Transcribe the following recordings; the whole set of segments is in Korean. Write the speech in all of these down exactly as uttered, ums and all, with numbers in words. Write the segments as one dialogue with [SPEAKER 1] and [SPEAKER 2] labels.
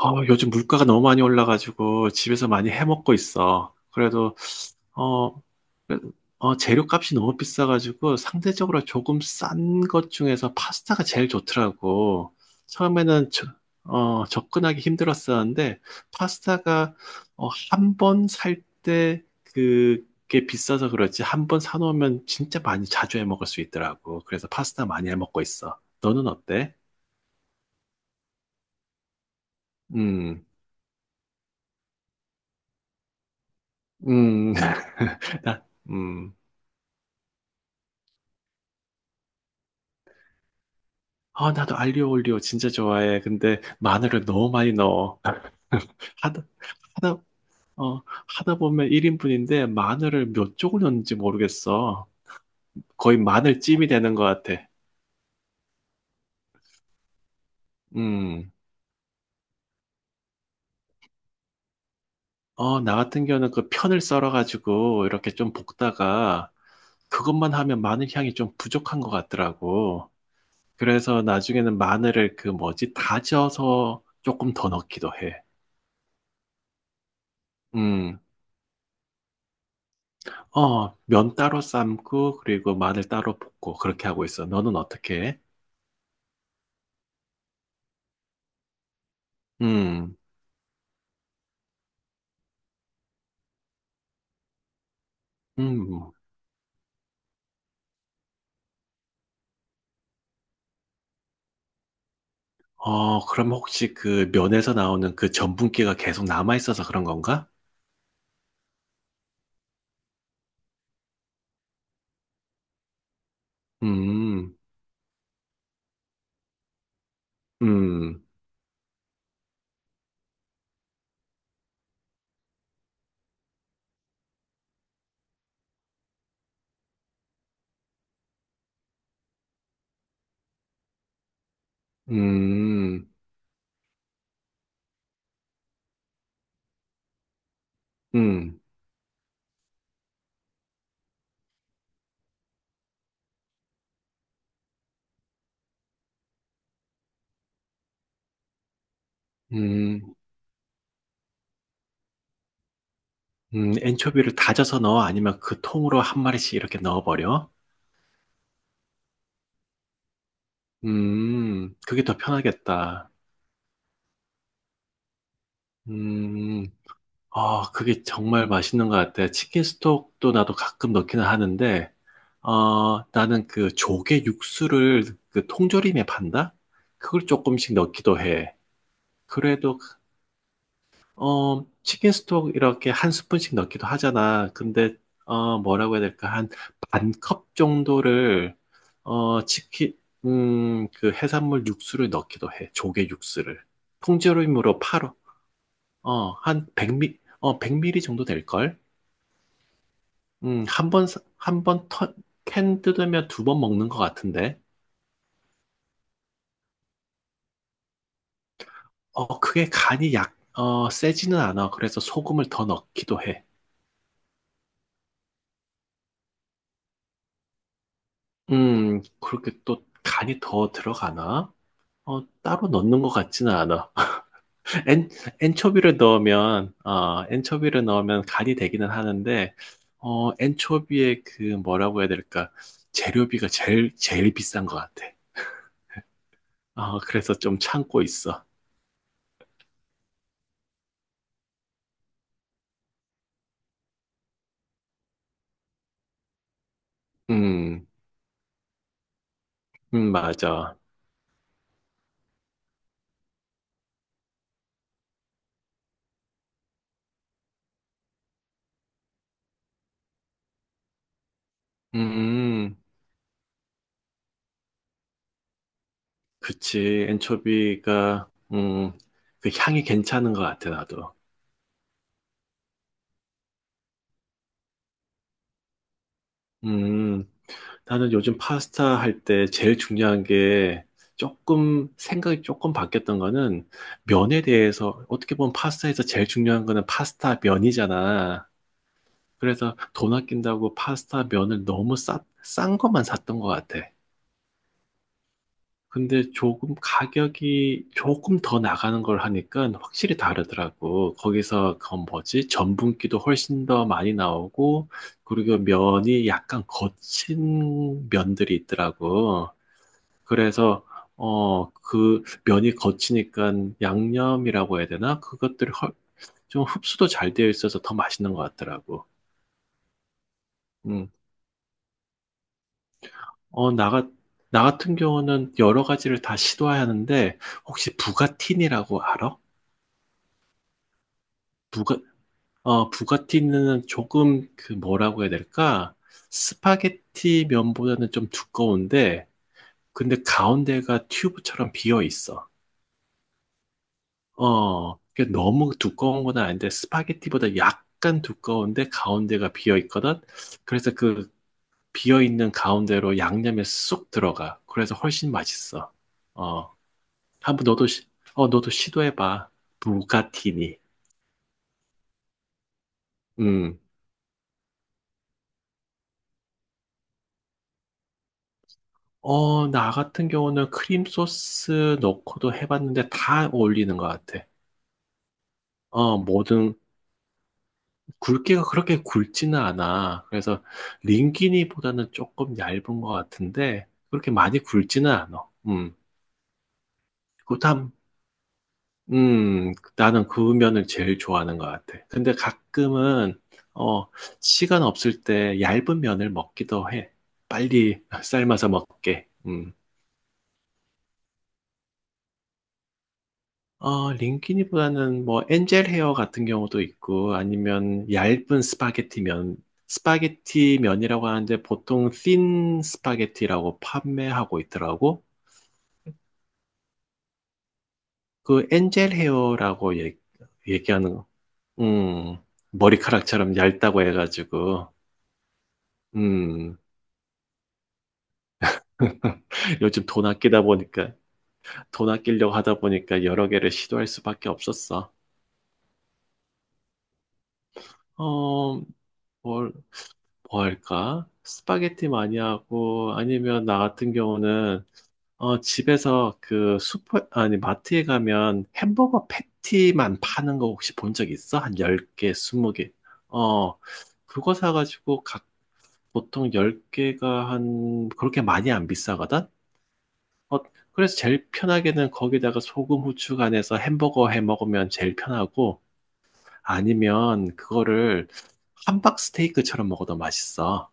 [SPEAKER 1] 어, 요즘 물가가 너무 많이 올라가지고 집에서 많이 해 먹고 있어. 그래도 어, 어, 재료값이 너무 비싸가지고 상대적으로 조금 싼 것 중에서 파스타가 제일 좋더라고. 처음에는 저- 어, 접근하기 힘들었었는데 파스타가 어, 한 번 살 때 그게 비싸서 그렇지 한 번 사놓으면 진짜 많이 자주 해 먹을 수 있더라고. 그래서 파스타 많이 해 먹고 있어. 너는 어때? 음. 음. 나, 음. 아, 나도 알리오 올리오 진짜 좋아해. 근데 마늘을 너무 많이 넣어. 하다, 하다, 어, 하다 보면 일 인분인데 마늘을 몇 쪽을 넣는지 모르겠어. 거의 마늘찜이 되는 것 같아. 음. 어, 나 같은 경우는 그 편을 썰어가지고 이렇게 좀 볶다가 그것만 하면 마늘 향이 좀 부족한 것 같더라고. 그래서 나중에는 마늘을 그 뭐지, 다져서 조금 더 넣기도 해. 음. 어, 면 따로 삶고, 그리고 마늘 따로 볶고, 그렇게 하고 있어. 너는 어떻게 해? 음. 음. 어, 그럼 혹시 그 면에서 나오는 그 전분기가 계속 남아있어서 그런 건가? 음. 음. 음. 음. 음. 음, 엔초비를 다져서 넣어? 아니면 그 통으로 한 마리씩 이렇게 넣어버려? 음, 그게 더 편하겠다. 음, 아, 그게 정말 맛있는 것 같아. 치킨 스톡도 나도 가끔 넣기는 하는데, 어, 나는 그 조개 육수를 그 통조림에 판다? 그걸 조금씩 넣기도 해. 그래도, 어, 치킨 스톡 이렇게 한 스푼씩 넣기도 하잖아. 근데, 어, 뭐라고 해야 될까? 한 반컵 정도를, 어, 치킨, 음, 그 해산물 육수를 넣기도 해. 조개 육수를. 통조림으로 팔어. 어, 한 백 밀리리터, 어, 백 밀리리터 정도 될걸? 음, 한 번, 한 번 캔 뜯으면 두 번 먹는 것 같은데. 어, 그게 간이 약, 어, 세지는 않아. 그래서 소금을 더 넣기도 해. 음, 그렇게 또 간이 더 들어가나? 어, 따로 넣는 것 같지는 않아. 엔, 엔초비를 넣으면, 어, 엔초비를 넣으면 간이 되기는 하는데, 어, 엔초비의 그 뭐라고 해야 될까? 재료비가 제일, 제일 비싼 것 같아. 어, 그래서 좀 참고 있어. 음. 음, 맞아. 음. 그치. 엔초비가, 음, 그 향이 괜찮은 것 같아, 나도. 음, 나는 요즘 파스타 할 때 제일 중요한 게 조금, 생각이 조금 바뀌었던 거는 면에 대해서, 어떻게 보면 파스타에서 제일 중요한 거는 파스타 면이잖아. 그래서 돈 아낀다고 파스타 면을 너무 싸, 싼 것만 샀던 것 같아. 근데 조금 가격이 조금 더 나가는 걸 하니까 확실히 다르더라고. 거기서 그건 뭐지? 전분기도 훨씬 더 많이 나오고, 그리고 면이 약간 거친 면들이 있더라고. 그래서, 어, 그 면이 거치니까 양념이라고 해야 되나? 그것들이 훨- 좀 흡수도 잘 되어 있어서 더 맛있는 것 같더라고. 음. 어, 나, 같- 나 같은 경우는 여러 가지를 다 시도하는데, 혹시 부가틴이라고 알아? 부가, 어, 부가티는 조금 그 뭐라고 해야 될까? 스파게티 면보다는 좀 두꺼운데, 근데 가운데가 튜브처럼 비어 있어. 어, 그게 너무 두꺼운 건 아닌데, 스파게티보다 약간 두꺼운데 가운데가 비어 있거든? 그래서 그 비어 있는 가운데로 양념에 쏙 들어가. 그래서 훨씬 맛있어. 어, 한번 너도, 시, 어, 너도 시도해봐. 부가티니. 음. 어, 나 같은 경우는 크림 소스 넣고도 해봤는데 다 어울리는 것 같아. 어, 뭐든 굵기가 그렇게 굵지는 않아. 그래서 링기니보다는 조금 얇은 것 같은데 그렇게 많이 굵지는 않아. 음. 그다음, 음, 나는 그 면을 제일 좋아하는 것 같아. 근데 가끔은 어, 시간 없을 때 얇은 면을 먹기도 해. 빨리 삶아서 먹게. 음. 어, 링키니보다는 뭐 엔젤 헤어 같은 경우도 있고 아니면 얇은 스파게티 면, 스파게티 면이라고 하는데 보통 thin 스파게티라고 판매하고 있더라고. 그 엔젤 헤어라고 얘, 얘기하는 거. 음, 머리카락처럼 얇다고 해가지고. 음. 요즘 돈 아끼다 보니까, 돈 아끼려고 하다 보니까 여러 개를 시도할 수밖에 없었어. 어, 뭘, 뭐 할까? 스파게티 많이 하고, 아니면 나 같은 경우는, 어, 집에서 그 슈퍼, 아니, 마트에 가면 햄버거 패티만 파는 거 혹시 본 적 있어? 한 열 개, 스무 개. 어, 그거 사가지고 각, 보통 열 개가 한, 그렇게 많이 안 비싸거든? 어, 그래서 제일 편하게는 거기다가 소금, 후추 간해서 햄버거 해 먹으면 제일 편하고, 아니면 그거를 함박 스테이크처럼 먹어도 맛있어.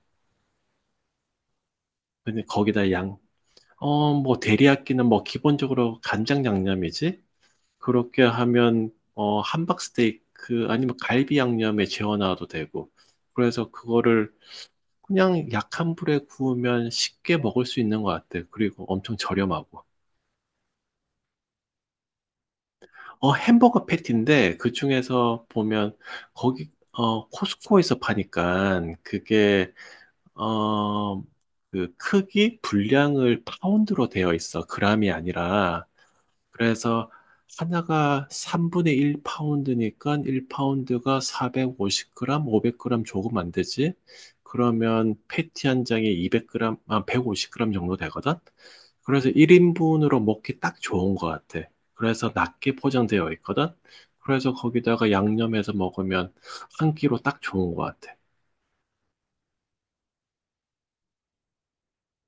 [SPEAKER 1] 근데 거기다 양, 어, 뭐, 대리야끼는 뭐, 기본적으로 간장 양념이지? 그렇게 하면, 어, 함박 스테이크 아니면 갈비 양념에 재워놔도 되고. 그래서 그거를 그냥 약한 불에 구우면 쉽게 먹을 수 있는 것 같아. 그리고 엄청 저렴하고. 어, 햄버거 패티인데, 그 중에서 보면, 거기, 어, 코스코에서 파니까, 그게, 어, 그 크기, 분량을 파운드로 되어 있어. 그람이 아니라. 그래서 하나가 삼분의 일 파운드니까 일 파운드가 사백오십 그램, 오백 그램 조금 안 되지? 그러면 패티 한 장에 이백 그램, 아, 백오십 그램 정도 되거든? 그래서 일 인분으로 먹기 딱 좋은 것 같아. 그래서 낮게 포장되어 있거든? 그래서 거기다가 양념해서 먹으면 한 끼로 딱 좋은 것 같아.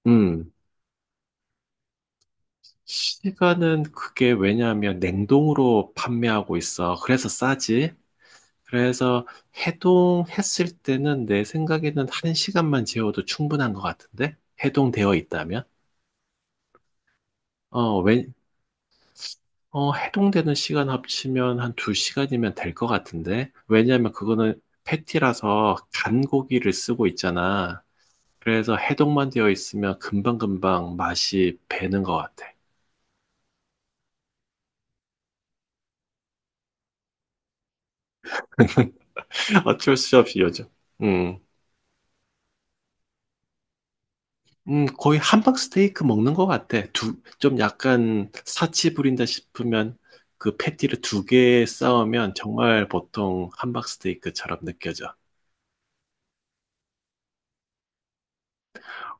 [SPEAKER 1] 음. 시간은 그게 왜냐하면 냉동으로 판매하고 있어. 그래서 싸지. 그래서 해동했을 때는 내 생각에는 한 시간만 재워도 충분한 것 같은데? 해동되어 있다면? 어, 왜, 어, 해동되는 시간 합치면 한 두 시간이면 될 것 같은데? 왜냐면 그거는 패티라서 간 고기를 쓰고 있잖아. 그래서 해동만 되어 있으면 금방금방 맛이 배는 것 같아. 어쩔 수 없이 요즘. 음. 음, 거의 함박 스테이크 먹는 것 같아. 두, 좀 약간 사치 부린다 싶으면 그 패티를 두 개 싸우면 정말 보통 함박 스테이크처럼 느껴져.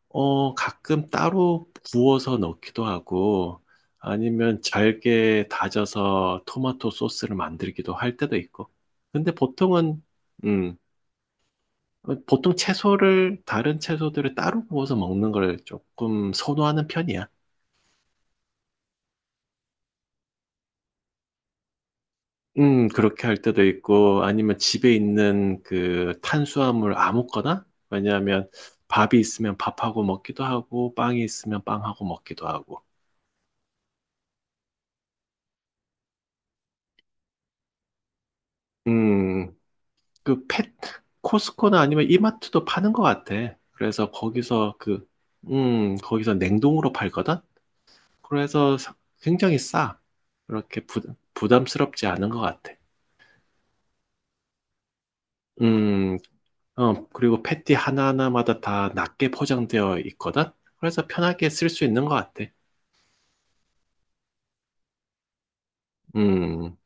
[SPEAKER 1] 어, 가끔 따로 구워서 넣기도 하고 아니면 잘게 다져서 토마토 소스를 만들기도 할 때도 있고. 근데 보통은, 음, 어, 보통 채소를, 다른 채소들을 따로 구워서 먹는 걸 조금 선호하는 편이야. 음, 그렇게 할 때도 있고, 아니면 집에 있는 그 탄수화물 아무거나? 왜냐하면 밥이 있으면 밥하고 먹기도 하고, 빵이 있으면 빵하고 먹기도 하고. 음, 그 펫, 코스코나 아니면 이마트도 파는 것 같아. 그래서 거기서 그, 음, 거기서 냉동으로 팔거든? 그래서 사- 굉장히 싸. 그렇게 부, 부담스럽지 않은 것 같아. 음, 어, 그리고 패티 하나하나마다 다 낮게 포장되어 있거든? 그래서 편하게 쓸 수 있는 것 같아. 음.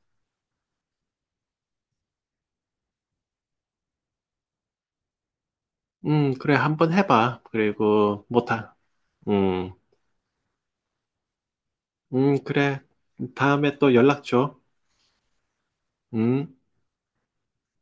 [SPEAKER 1] 음, 그래, 한번 해봐. 그리고, 못하, 음. 음, 그래. 다음에 또 연락 줘. 음.